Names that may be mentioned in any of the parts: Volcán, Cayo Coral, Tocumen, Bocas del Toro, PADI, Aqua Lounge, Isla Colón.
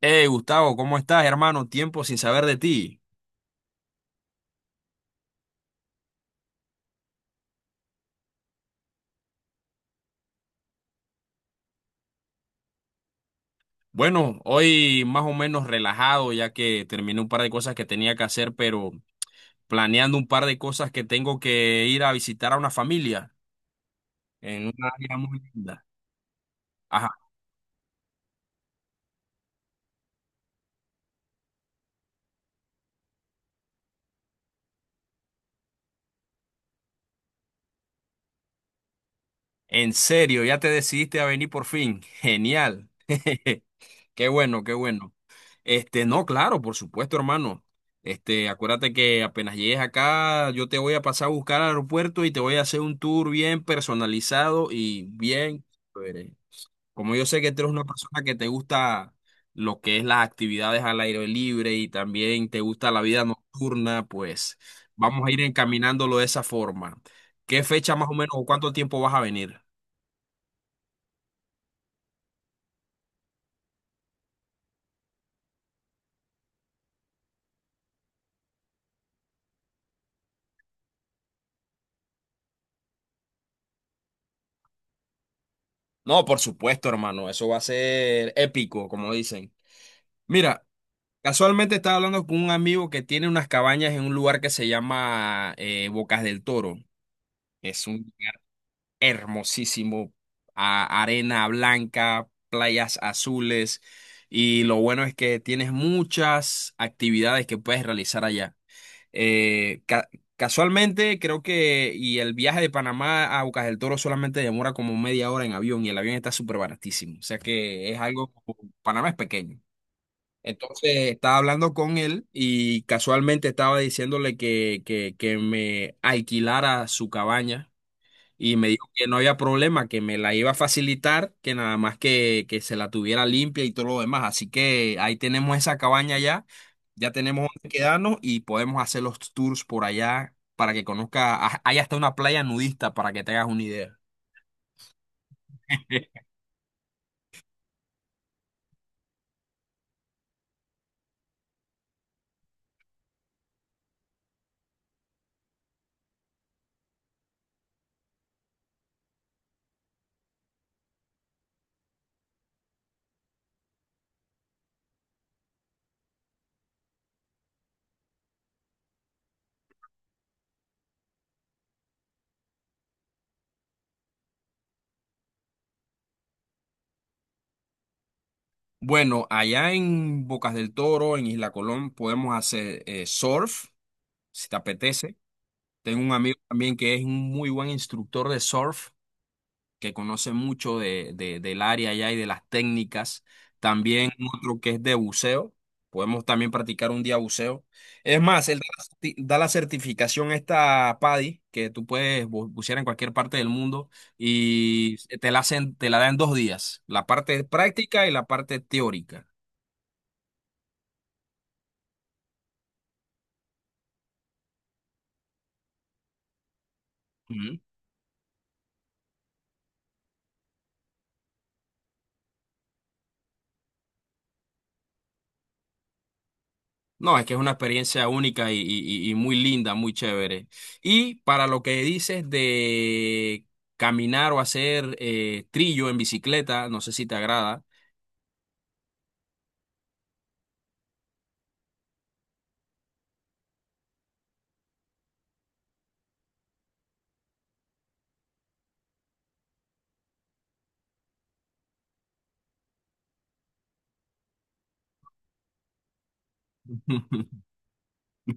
Hey Gustavo, ¿cómo estás, hermano? Tiempo sin saber de ti. Bueno, hoy más o menos relajado ya que terminé un par de cosas que tenía que hacer, pero planeando un par de cosas que tengo que ir a visitar a una familia en una área muy linda. Ajá, en serio, ya te decidiste a venir por fin. Genial. Qué bueno, qué bueno. Este, no, claro, por supuesto, hermano. Este, acuérdate que apenas llegues acá, yo te voy a pasar a buscar al aeropuerto y te voy a hacer un tour bien personalizado y bien chévere. Como yo sé que tú eres una persona que te gusta lo que es las actividades al aire libre y también te gusta la vida nocturna, pues vamos a ir encaminándolo de esa forma. ¿Qué fecha más o menos o cuánto tiempo vas a venir? No, por supuesto, hermano, eso va a ser épico, como dicen. Mira. Casualmente estaba hablando con un amigo que tiene unas cabañas en un lugar que se llama Bocas del Toro. Es un lugar hermosísimo, arena blanca, playas azules y lo bueno es que tienes muchas actividades que puedes realizar allá. Eh, ca- casualmente creo que y el viaje de Panamá a Bocas del Toro solamente demora como media hora en avión y el avión está súper baratísimo. O sea que es algo, Panamá es pequeño. Entonces estaba hablando con él y casualmente estaba diciéndole que me alquilara su cabaña y me dijo que no había problema, que me la iba a facilitar, que nada más que se la tuviera limpia y todo lo demás. Así que ahí tenemos esa cabaña ya, ya tenemos donde quedarnos y podemos hacer los tours por allá para que conozca, ah, hay hasta una playa nudista para que te hagas una idea. Bueno, allá en Bocas del Toro, en Isla Colón, podemos hacer surf, si te apetece. Tengo un amigo también que es un muy buen instructor de surf, que conoce mucho del área allá y de las técnicas. También otro que es de buceo. Podemos también practicar un día buceo. Es más, él da la da la certificación esta PADI, que tú puedes bucear en cualquier parte del mundo y te la hacen, te la dan dos días, la parte práctica y la parte teórica. No, es que es una experiencia única y muy linda, muy chévere. Y para lo que dices de caminar o hacer trillo en bicicleta, no sé si te agrada.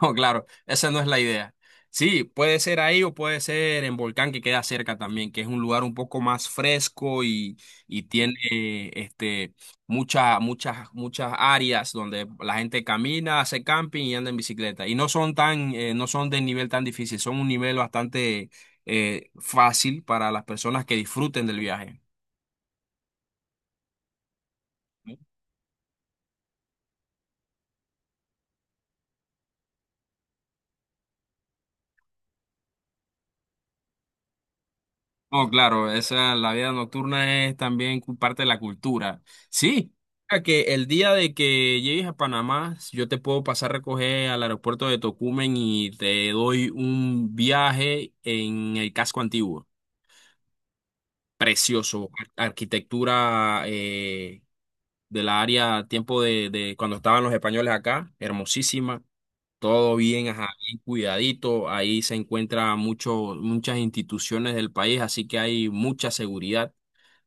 No, claro, esa no es la idea. Sí, puede ser ahí o puede ser en Volcán que queda cerca también, que es un lugar un poco más fresco y tiene muchas, muchas, muchas áreas donde la gente camina, hace camping y anda en bicicleta. Y no son tan, no son de nivel tan difícil, son un nivel bastante fácil para las personas que disfruten del viaje. No, claro, esa, la vida nocturna es también parte de la cultura. Sí, mira que el día de que llegues a Panamá, yo te puedo pasar a recoger al aeropuerto de Tocumen y te doy un viaje en el casco antiguo. Precioso, arquitectura de la área, tiempo de cuando estaban los españoles acá, hermosísima. Todo bien, ajá, bien cuidadito. Ahí se encuentran muchas instituciones del país, así que hay mucha seguridad.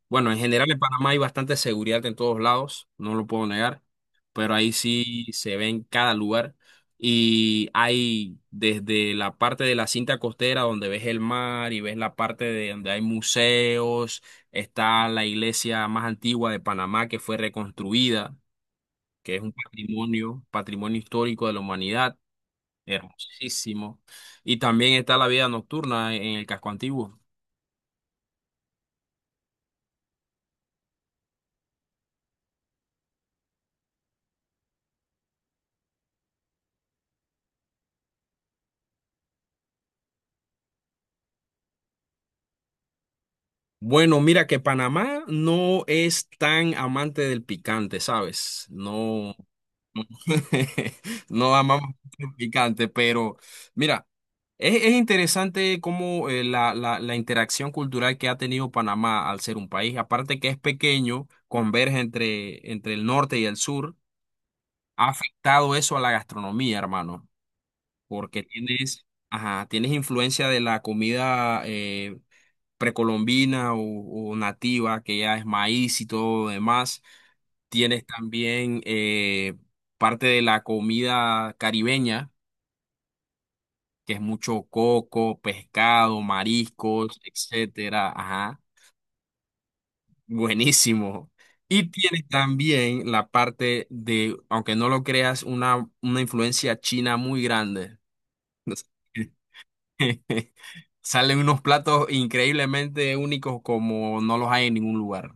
Bueno, en general en Panamá hay bastante seguridad en todos lados, no lo puedo negar, pero ahí sí se ve en cada lugar y hay desde la parte de la cinta costera donde ves el mar y ves la parte de donde hay museos, está la iglesia más antigua de Panamá que fue reconstruida, que es un patrimonio, patrimonio histórico de la humanidad, hermosísimo, y también está la vida nocturna en el casco antiguo. Bueno, mira que Panamá no es tan amante del picante, ¿sabes? No, no no amamos el picante, pero mira, es interesante cómo la interacción cultural que ha tenido Panamá al ser un país, aparte que es pequeño, converge entre el norte y el sur, ha afectado eso a la gastronomía, hermano, porque tienes, ajá, tienes influencia de la comida. Precolombina o nativa, que ya es maíz y todo lo demás. Tienes también parte de la comida caribeña, que es mucho coco, pescado, mariscos, etcétera. Ajá, buenísimo. Y tienes también la parte de, aunque no lo creas, una influencia china muy grande. Salen unos platos increíblemente únicos como no los hay en ningún lugar.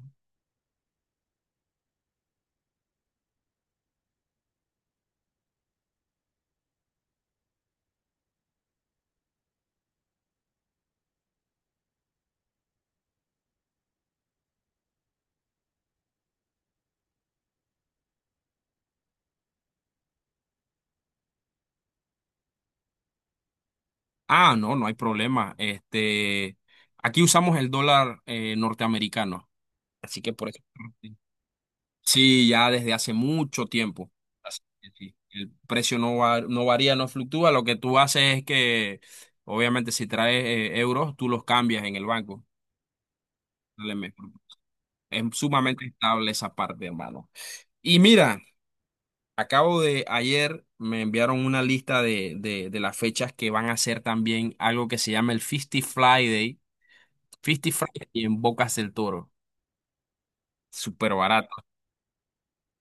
Ah, no, no hay problema. Este, aquí usamos el dólar norteamericano, así que por eso. Sí, ya desde hace mucho tiempo. Así que sí, el precio no varía, no fluctúa. Lo que tú haces es que, obviamente, si traes euros, tú los cambias en el banco. Dale, me- Es sumamente estable esa parte, hermano. Y mira, acabo de ayer me enviaron una lista de las fechas que van a hacer también algo que se llama el 50 Friday Fifty Friday y en Bocas del Toro. Súper barato.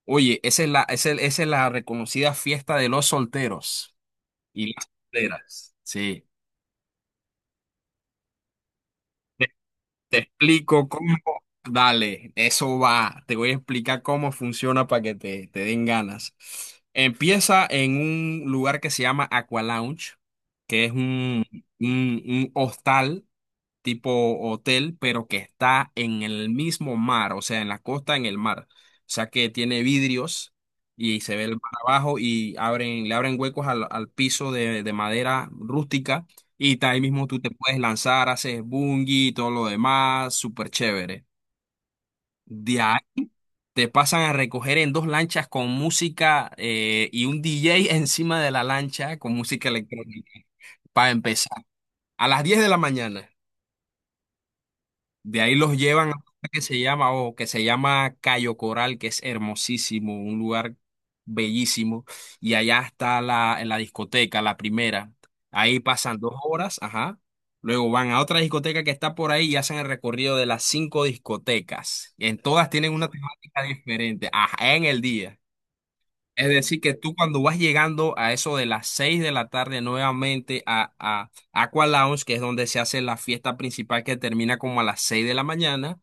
Oye, esa es la reconocida fiesta de los solteros y las solteras. Sí. Te, Te explico cómo. Dale, eso va. Te voy a explicar cómo funciona para que te den ganas. Empieza en un lugar que se llama Aqua Lounge, que es un hostal tipo hotel, pero que está en el mismo mar, o sea, en la costa, en el mar. O sea, que tiene vidrios y se ve el mar abajo y abren, le abren huecos al piso de madera rústica y ahí mismo tú te puedes lanzar, haces bungee y todo lo demás, súper chévere. De ahí te pasan a recoger en dos lanchas con música y un DJ encima de la lancha con música electrónica para empezar a las 10 de la mañana. De ahí los llevan a un lugar que se llama, o que se llama Cayo Coral, que es hermosísimo, un lugar bellísimo. Y allá está la, en la discoteca, la primera. Ahí pasan dos horas, ajá. Luego van a otra discoteca que está por ahí y hacen el recorrido de las cinco discotecas. En todas tienen una temática diferente, ajá, en el día. Es decir, que tú cuando vas llegando a eso de las 6 de la tarde nuevamente a Aqua Lounge, que es donde se hace la fiesta principal que termina como a las 6 de la mañana,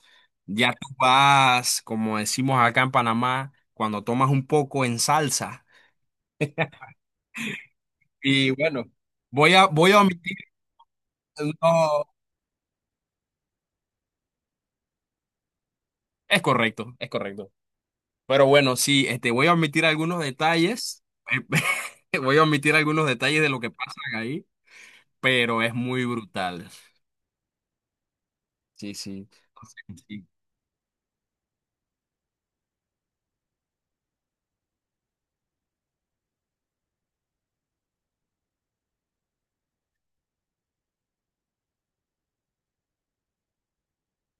ya tú vas, como decimos acá en Panamá, cuando tomas un poco en salsa. Y bueno, voy a omitir, no, es correcto, es correcto. Pero bueno, sí, este, voy a omitir algunos detalles, voy a omitir algunos detalles de lo que pasa ahí, pero es muy brutal. Sí, sí. Sí.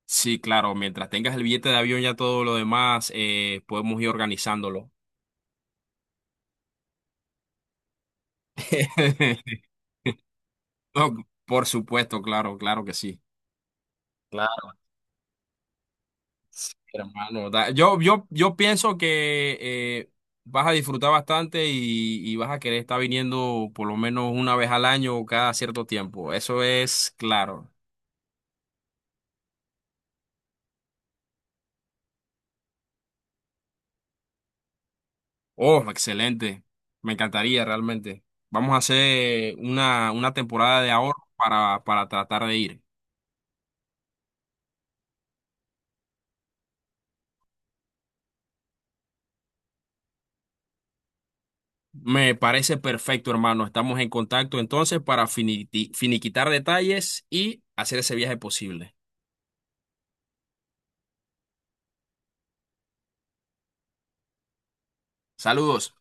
Sí, claro, mientras tengas el billete de avión ya todo lo demás, podemos ir organizándolo. No, por supuesto, claro, claro que sí. Claro. Sí, hermano. Yo pienso que eh, vas a disfrutar bastante y vas a querer estar viniendo por lo menos una vez al año o cada cierto tiempo. Eso es claro. Oh, excelente. Me encantaría realmente. Vamos a hacer una temporada de ahorro para tratar de ir. Me parece perfecto, hermano. Estamos en contacto entonces para finiquitar detalles y hacer ese viaje posible. Saludos.